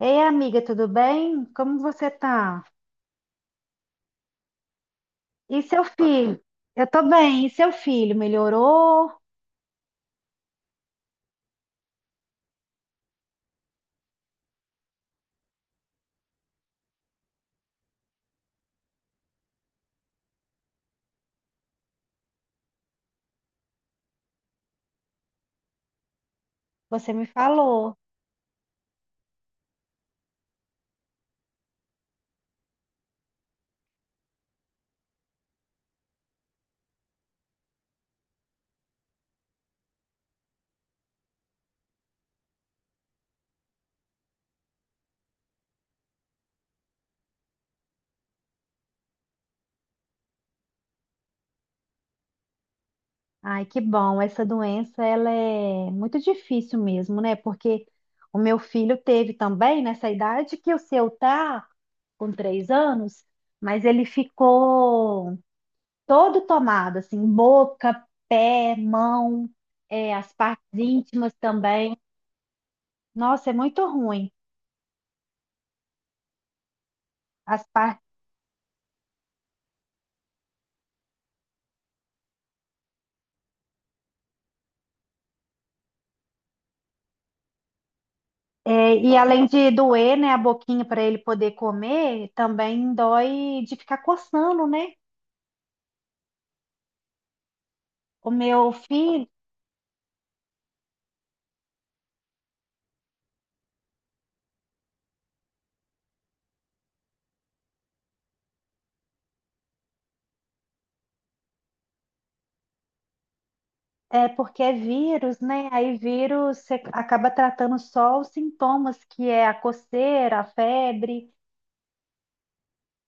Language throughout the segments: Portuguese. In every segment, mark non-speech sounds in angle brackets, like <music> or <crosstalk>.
Ei, amiga, tudo bem? Como você tá? E seu filho? Eu tô bem. E seu filho melhorou? Você me falou. Ai, que bom. Essa doença, ela é muito difícil mesmo, né? Porque o meu filho teve também nessa idade que o seu tá, com 3 anos, mas ele ficou todo tomado, assim, boca, pé, mão, é, as partes íntimas também. Nossa, é muito ruim. As partes é, e além de doer, né, a boquinha para ele poder comer, também dói de ficar coçando, né? O meu filho é porque é vírus, né? Aí vírus você acaba tratando só os sintomas, que é a coceira, a febre.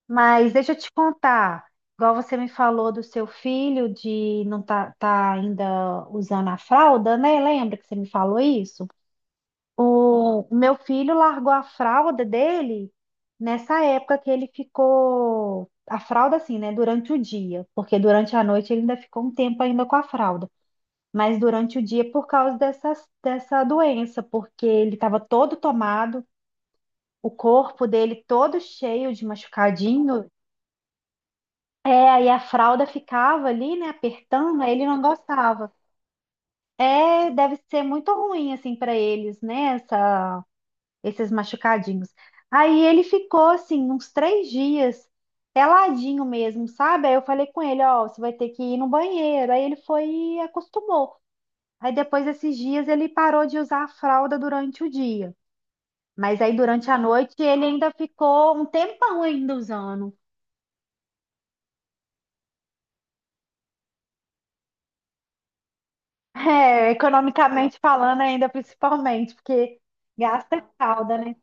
Mas deixa eu te contar, igual você me falou do seu filho de não tá ainda usando a fralda, né? Lembra que você me falou isso? O meu filho largou a fralda dele nessa época que ele ficou. A fralda, assim, né? Durante o dia, porque durante a noite ele ainda ficou um tempo ainda com a fralda. Mas durante o dia, por causa dessa doença, porque ele estava todo tomado, o corpo dele todo cheio de machucadinho. É, aí a fralda ficava ali, né? Apertando, aí ele não gostava. É, deve ser muito ruim, assim, para eles, né? Essa esses machucadinhos. Aí ele ficou assim, uns 3 dias, peladinho mesmo, sabe? Aí eu falei com ele, ó, você vai ter que ir no banheiro. Aí ele foi e acostumou. Aí depois desses dias ele parou de usar a fralda durante o dia. Mas aí durante a noite ele ainda ficou um tempão ainda usando. <laughs> É, economicamente falando ainda principalmente, porque gasta fralda, né?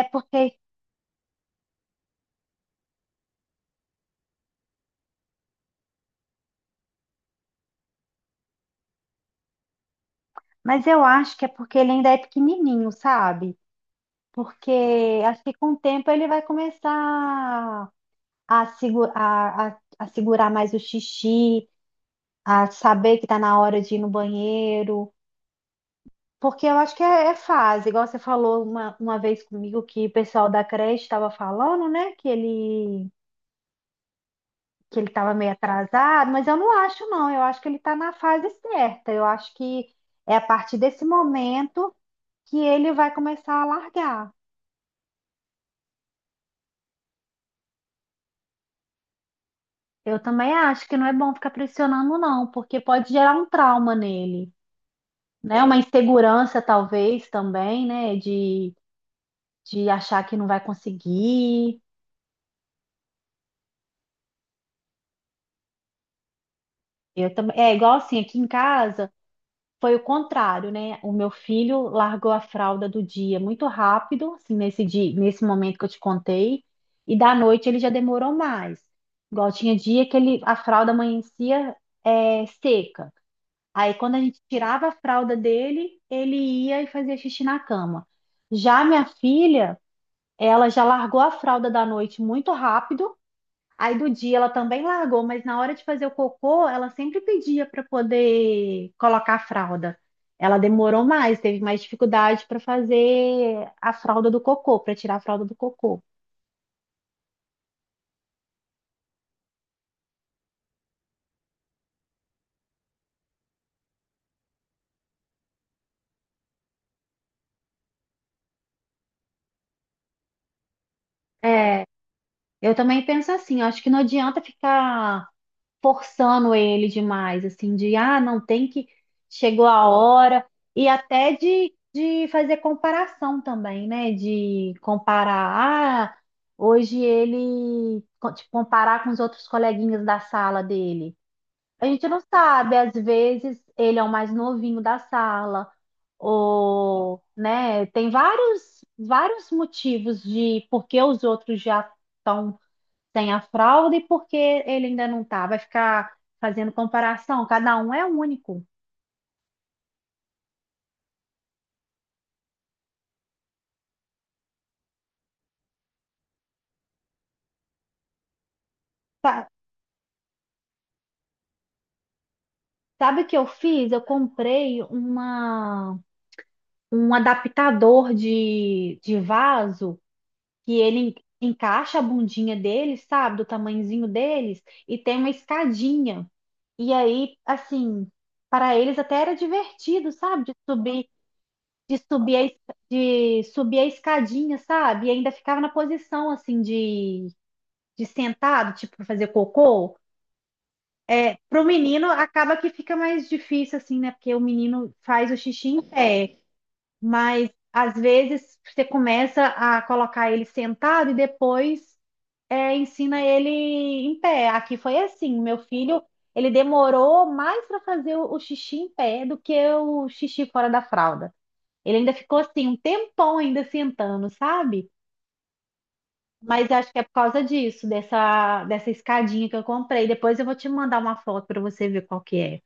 É porque, mas eu acho que é porque ele ainda é pequenininho, sabe? Porque acho que com o tempo ele vai começar a segurar mais o xixi, a saber que está na hora de ir no banheiro. Porque eu acho que é fase, igual você falou uma vez comigo que o pessoal da creche estava falando, né? Que ele estava meio atrasado, mas eu não acho, não. Eu acho que ele está na fase certa. Eu acho que é a partir desse momento que ele vai começar a largar. Eu também acho que não é bom ficar pressionando, não, porque pode gerar um trauma nele, né? Uma insegurança, talvez, também, né? De achar que não vai conseguir. Eu também. É igual assim, aqui em casa foi o contrário, né? O meu filho largou a fralda do dia muito rápido, assim, nesse dia, nesse momento que eu te contei, e da noite ele já demorou mais. Igual tinha dia que ele, a fralda amanhecia, é, seca. Aí, quando a gente tirava a fralda dele, ele ia e fazia xixi na cama. Já minha filha, ela já largou a fralda da noite muito rápido. Aí do dia ela também largou, mas na hora de fazer o cocô, ela sempre pedia para poder colocar a fralda. Ela demorou mais, teve mais dificuldade para fazer a fralda do cocô, para tirar a fralda do cocô. É, eu também penso assim, eu acho que não adianta ficar forçando ele demais, assim, de ah, não tem que, chegou a hora, e até de fazer comparação também, né? De comparar, ah, hoje ele, tipo, comparar com os outros coleguinhas da sala dele. A gente não sabe, às vezes ele é o mais novinho da sala, ou, né, tem vários motivos de por que os outros já estão tem a fraude, porque ele ainda não tá. Vai ficar fazendo comparação, cada um é único. Sa- Sabe o que eu fiz? Um adaptador de vaso que ele encaixa a bundinha dele, sabe? Do tamanhozinho deles, e tem uma escadinha. E aí, assim, para eles até era divertido, sabe? De subir, de subir a, es- de subir a escadinha, sabe? E ainda ficava na posição assim de sentado, tipo, pra fazer cocô, é, pro menino acaba que fica mais difícil, assim, né? Porque o menino faz o xixi em pé, mas às vezes você começa a colocar ele sentado e depois é, ensina ele em pé. Aqui foi assim, meu filho, ele demorou mais para fazer o xixi em pé do que o xixi fora da fralda. Ele ainda ficou assim, um tempão ainda sentando, sabe? Mas acho que é por causa disso, dessa escadinha que eu comprei. Depois eu vou te mandar uma foto para você ver qual que é.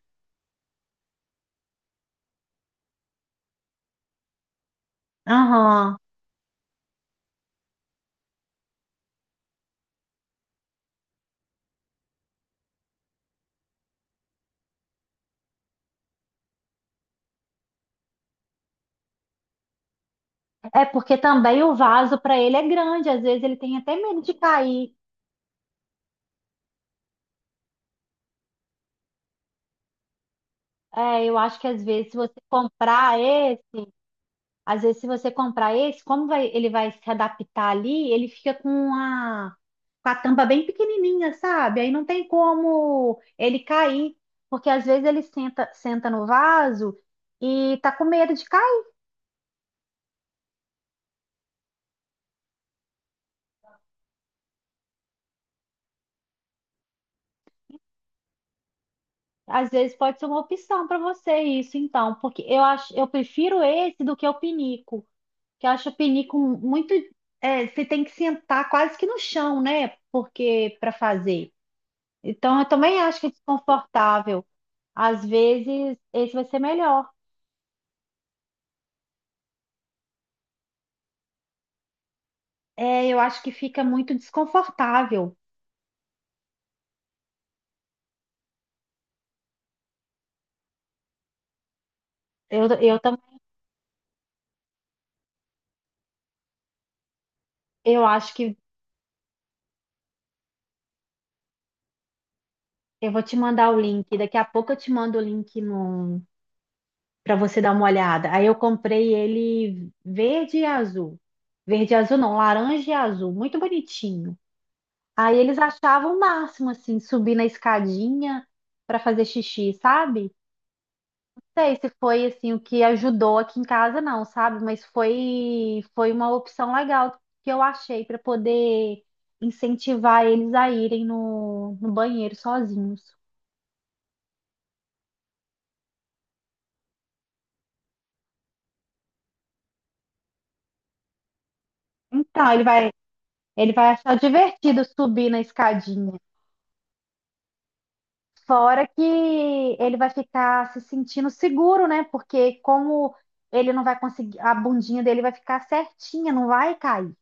Aham. É porque também o vaso para ele é grande, às vezes ele tem até medo de cair. É, eu acho que às vezes se você comprar esse, às vezes se você comprar esse, como vai, ele vai se adaptar ali, ele fica com a tampa bem pequenininha, sabe? Aí não tem como ele cair, porque às vezes ele senta, senta no vaso e tá com medo de cair. Às vezes pode ser uma opção para você isso, então, porque eu acho, eu prefiro esse do que o pinico, que eu acho o pinico muito, é, você tem que sentar quase que no chão, né? Porque para fazer. Então, eu também acho que é desconfortável. Às vezes esse vai ser melhor. É, eu acho que fica muito desconfortável. Eu, eu, tam- eu acho que eu vou te mandar o link. Daqui a pouco eu te mando o link no, para você dar uma olhada. Aí eu comprei ele verde e azul. Verde e azul não, laranja e azul, muito bonitinho. Aí eles achavam o máximo assim, subir na escadinha para fazer xixi, sabe? Não sei se foi assim o que ajudou aqui em casa não, sabe? Mas foi uma opção legal que eu achei para poder incentivar eles a irem no banheiro sozinhos. Então, ele vai achar divertido subir na escadinha. Fora que ele vai ficar se sentindo seguro, né? Porque como ele não vai conseguir, a bundinha dele vai ficar certinha, não vai cair.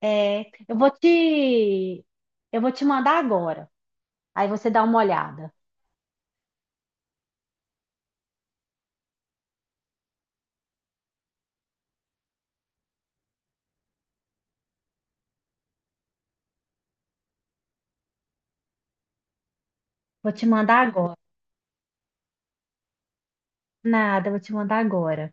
É, eu vou te, eu vou te mandar agora. Aí você dá uma olhada. Vou te mandar agora. Nada, eu vou te mandar agora.